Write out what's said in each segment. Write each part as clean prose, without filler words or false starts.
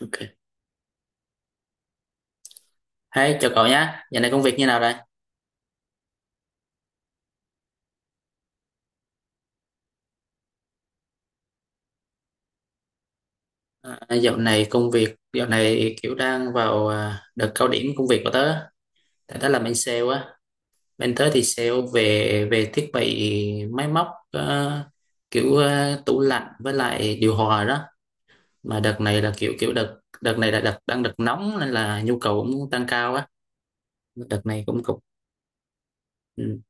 Ok. Hey, chào cậu nhé. Dạo này công việc như nào đây? À, dạo này công việc, dạo này kiểu đang vào đợt cao điểm công việc của tớ. Tại tớ làm bên sale á. Bên tớ thì sale về về thiết bị máy móc kiểu tủ lạnh với lại điều hòa đó. Mà đợt này là kiểu kiểu đợt đợt này là đợt đang đợt nóng nên là nhu cầu cũng tăng cao á. Đợt này cũng cục. Ừ,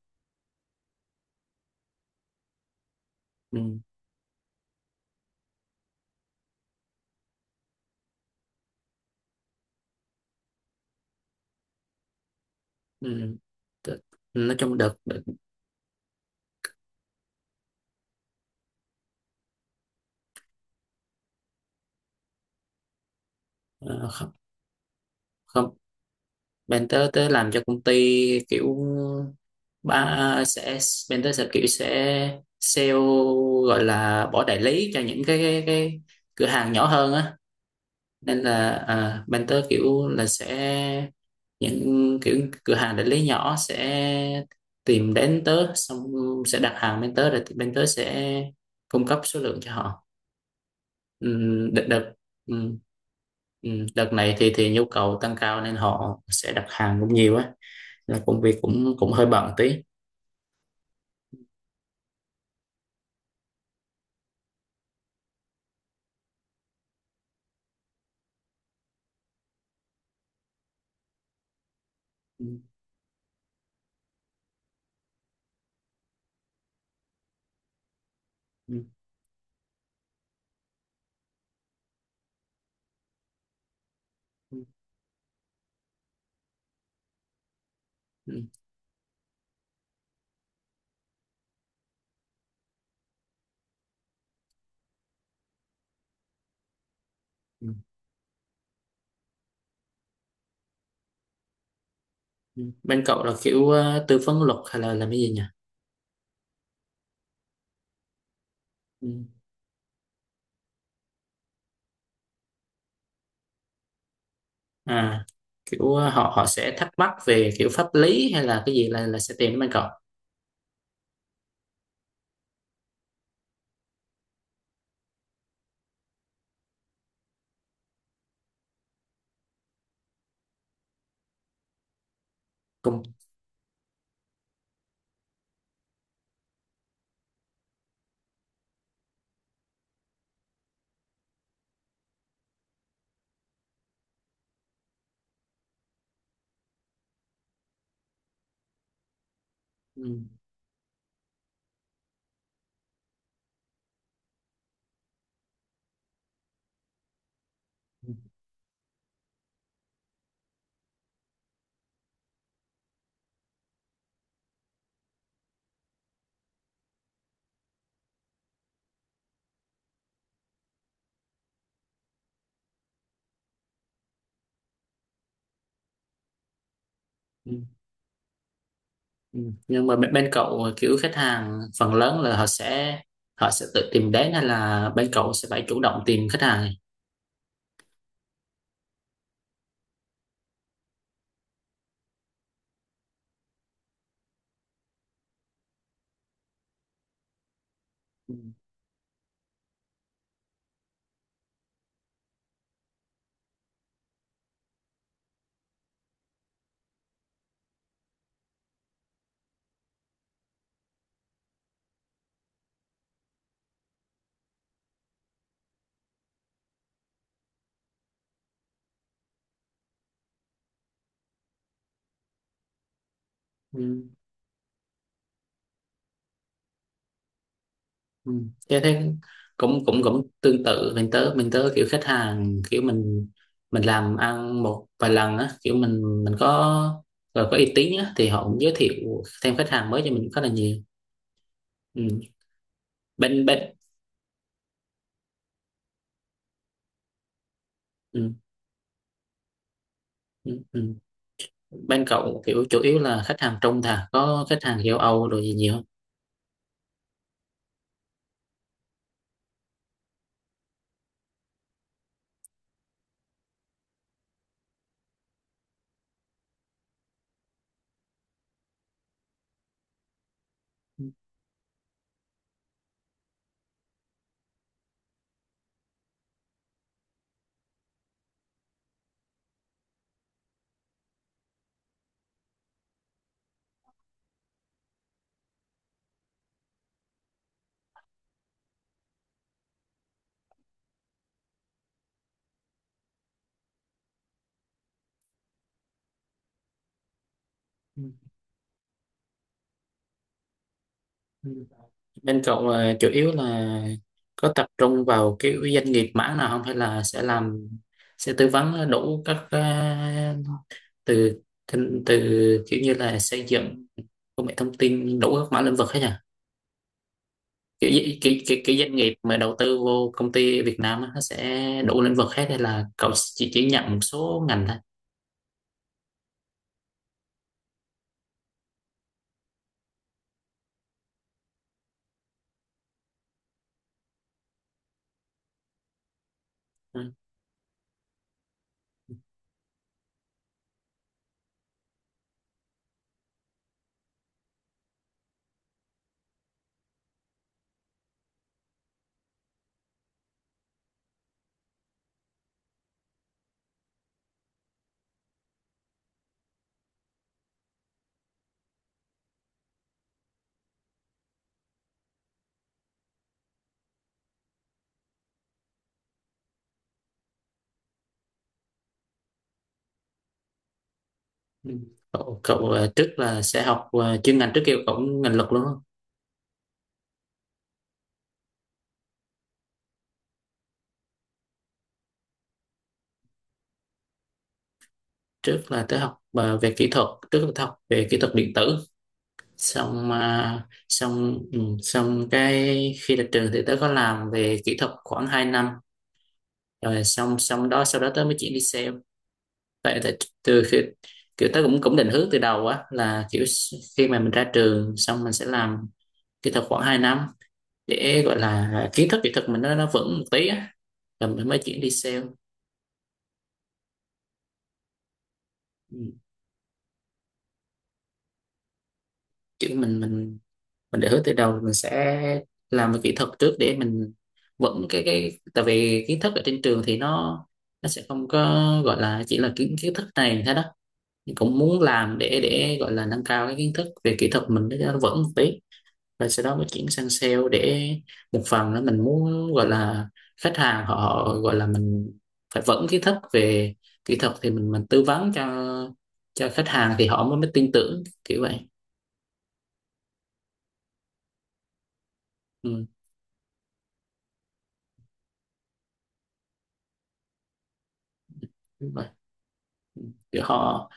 ừ, ừ. Đợt- Nói chung đợt ờ, không, không. Bên tớ tớ làm cho công ty kiểu ba sẽ mentor sẽ kiểu sẽ sale, gọi là bỏ đại lý cho những cái cửa hàng nhỏ hơn á, nên là mentor kiểu là sẽ những kiểu cửa hàng đại lý nhỏ sẽ tìm đến tớ, xong sẽ đặt hàng bên tớ rồi thì bên tớ sẽ cung cấp số lượng cho họ. Đợt đợt ừm, đợt này thì nhu cầu tăng cao nên họ sẽ đặt hàng cũng nhiều á, là công việc cũng cũng hơi bận tí. Ừm, ừm, ừm. Ừ. Ừ. Bên cậu là kiểu tư vấn luật hay là làm cái gì nhỉ? Ừ. À, kiểu họ họ sẽ thắc mắc về kiểu pháp lý hay là cái gì là sẽ tìm đến bên cậu. Cùng. Ừ. Ừ. Ừ. Ừ. Nhưng mà bên cậu kiểu khách hàng phần lớn là họ sẽ tự tìm đến hay là bên cậu sẽ phải chủ động tìm khách hàng. Ừ. Ừ. Ừ. Thế thế cũng cũng cũng tương tự mình tớ kiểu khách hàng kiểu mình làm ăn một vài lần á, kiểu mình có rồi có uy tín á thì họ cũng giới thiệu thêm khách hàng mới cho mình khá là nhiều. Ừ. bên bên ừ. Ừ. Ừ. Bên cậu kiểu chủ yếu là khách hàng trung thà, có khách hàng châu Âu rồi gì nhiều không? Ừ. Ừ. Bên cậu là chủ yếu là có tập trung vào cái doanh nghiệp mảng nào không, hay là sẽ làm sẽ tư vấn đủ các từ từ kiểu như là xây dựng, công nghệ thông tin, đủ các mảng lĩnh vực hết nhỉ, kiểu, cái kiểu doanh nghiệp mà đầu tư vô công ty Việt Nam á, nó sẽ đủ lĩnh vực hết hay là cậu chỉ nhận một số ngành thôi. Ừ. Ừ. Cậu trước là sẽ học chuyên ngành, trước kia cậu cũng ngành luật luôn không? Trước là tới học về kỹ thuật, trước là tới học về kỹ thuật điện tử xong xong xong cái khi ra trường thì tớ có làm về kỹ thuật khoảng 2 năm rồi xong xong đó, sau đó tớ mới chuyển đi sale. Tại tại từ khi kiểu tớ cũng cũng định hướng từ đầu á, là kiểu khi mà mình ra trường xong mình sẽ làm kỹ thuật khoảng 2 năm để gọi là kiến thức kỹ thuật mình nó vững một tí á, rồi mình mới chuyển đi sale. Ừ. Kiểu mình định hướng từ đầu mình sẽ làm về kỹ thuật trước để mình vững cái tại vì kiến thức ở trên trường thì nó sẽ không có gọi là, chỉ là kiến kiến thức này thế đó. Mình cũng muốn làm để gọi là nâng cao cái kiến thức về kỹ thuật mình để cho nó vững một tí, rồi sau đó mới chuyển sang sale để một phần là mình muốn gọi là khách hàng, họ gọi là mình phải vững kiến thức về kỹ thuật thì mình tư vấn cho khách hàng thì họ mới mới tin tưởng kiểu vậy. Ừ, đúng vậy, kiểu họ,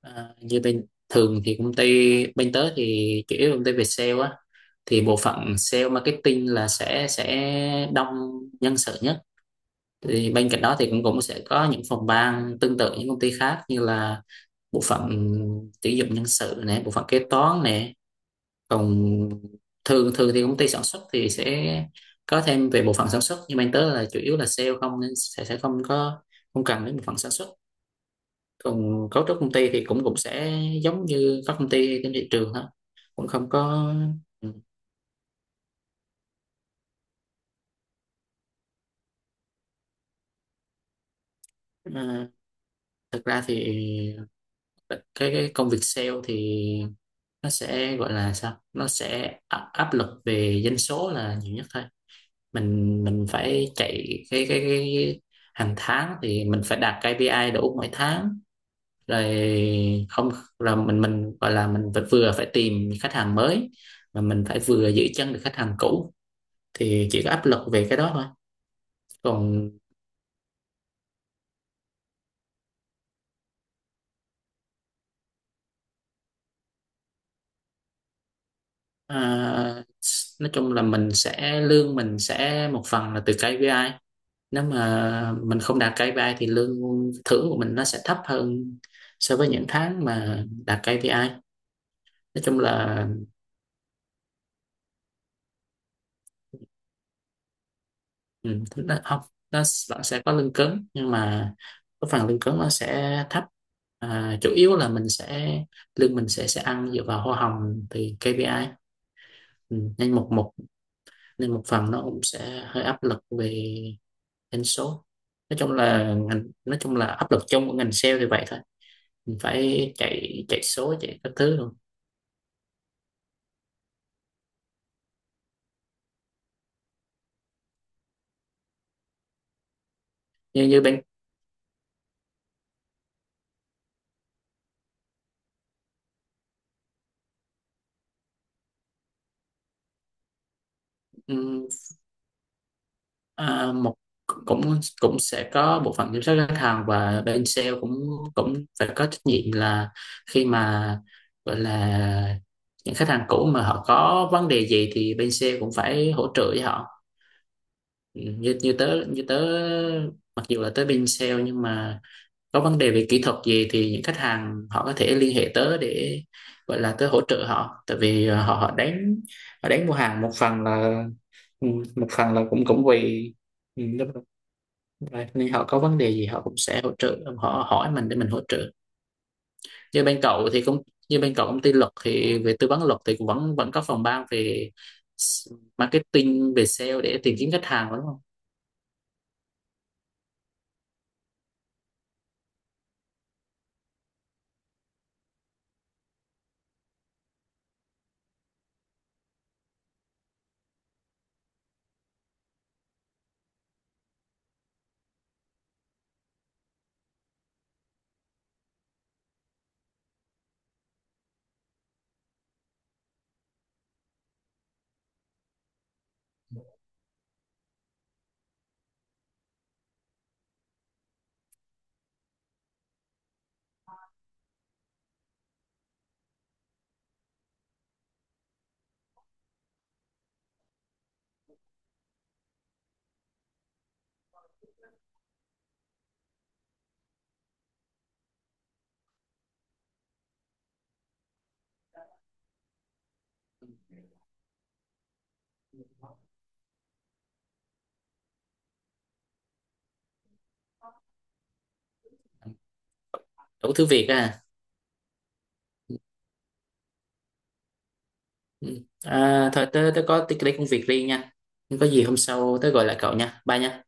à, như bên thường thì công ty bên tớ thì chủ yếu là công ty về sale á, thì bộ phận sale marketing là sẽ đông nhân sự nhất, thì bên cạnh đó thì cũng cũng sẽ có những phòng ban tương tự những công ty khác, như là bộ phận tuyển dụng nhân sự này, bộ phận kế toán này, còn thường thường thì công ty sản xuất thì sẽ có thêm về bộ phận sản xuất, nhưng mà anh tớ là chủ yếu là sale không nên sẽ không có, không cần đến bộ phận sản xuất. Còn cấu trúc công ty thì cũng cũng sẽ giống như các công ty trên thị trường thôi, cũng không có. Ừ. À, thực ra thì cái công việc sale thì nó sẽ gọi là sao, nó sẽ áp áp lực về doanh số là nhiều nhất thôi. Mình phải chạy cái hàng tháng thì mình phải đạt KPI đủ mỗi tháng rồi, không là mình gọi là mình phải vừa phải tìm khách hàng mới, mà mình phải vừa giữ chân được khách hàng cũ, thì chỉ có áp lực về cái đó thôi. Còn à, nói chung là mình sẽ lương mình sẽ một phần là từ KPI, nếu mà mình không đạt KPI thì lương thưởng của mình nó sẽ thấp hơn so với những tháng mà đạt KPI, nói chung là. Ừ, thứ đó, không, nó bạn sẽ có lương cứng, nhưng mà cái phần lương cứng nó sẽ thấp, à, chủ yếu là mình sẽ lương mình sẽ ăn dựa vào hoa hồng thì KPI. Ừ, nên một một nên một phần nó cũng sẽ hơi áp lực về doanh số. Nói chung là ngành, nói chung là áp lực chung của ngành sale thì vậy thôi, mình phải chạy chạy số chạy các thứ luôn. Như như Bên, à, một cũng cũng sẽ có bộ phận kiểm soát khách hàng, và bên sale cũng cũng phải có trách nhiệm là khi mà gọi là những khách hàng cũ mà họ có vấn đề gì thì bên sale cũng phải hỗ trợ với họ. Ừ, như như tớ, mặc dù là tới bên sale nhưng mà có vấn đề về kỹ thuật gì thì những khách hàng họ có thể liên hệ tớ để gọi là tớ hỗ trợ họ, tại vì họ họ đánh, họ đánh mua hàng một phần là ừ, một phần là cũng cũng vì ừ, right. Nên họ có vấn đề gì họ cũng sẽ hỗ trợ, họ hỏi mình để mình hỗ trợ. Như bên cậu thì cũng, như bên cậu công ty luật thì về tư vấn luật thì cũng vẫn vẫn có phòng ban về s- marketing về sale để tìm kiếm khách hàng đúng không? Đủ thứ việc à. Ừ. À thôi tớ có tí cái công việc riêng nha. Nếu có gì hôm sau tớ gọi lại cậu nha, bye nha.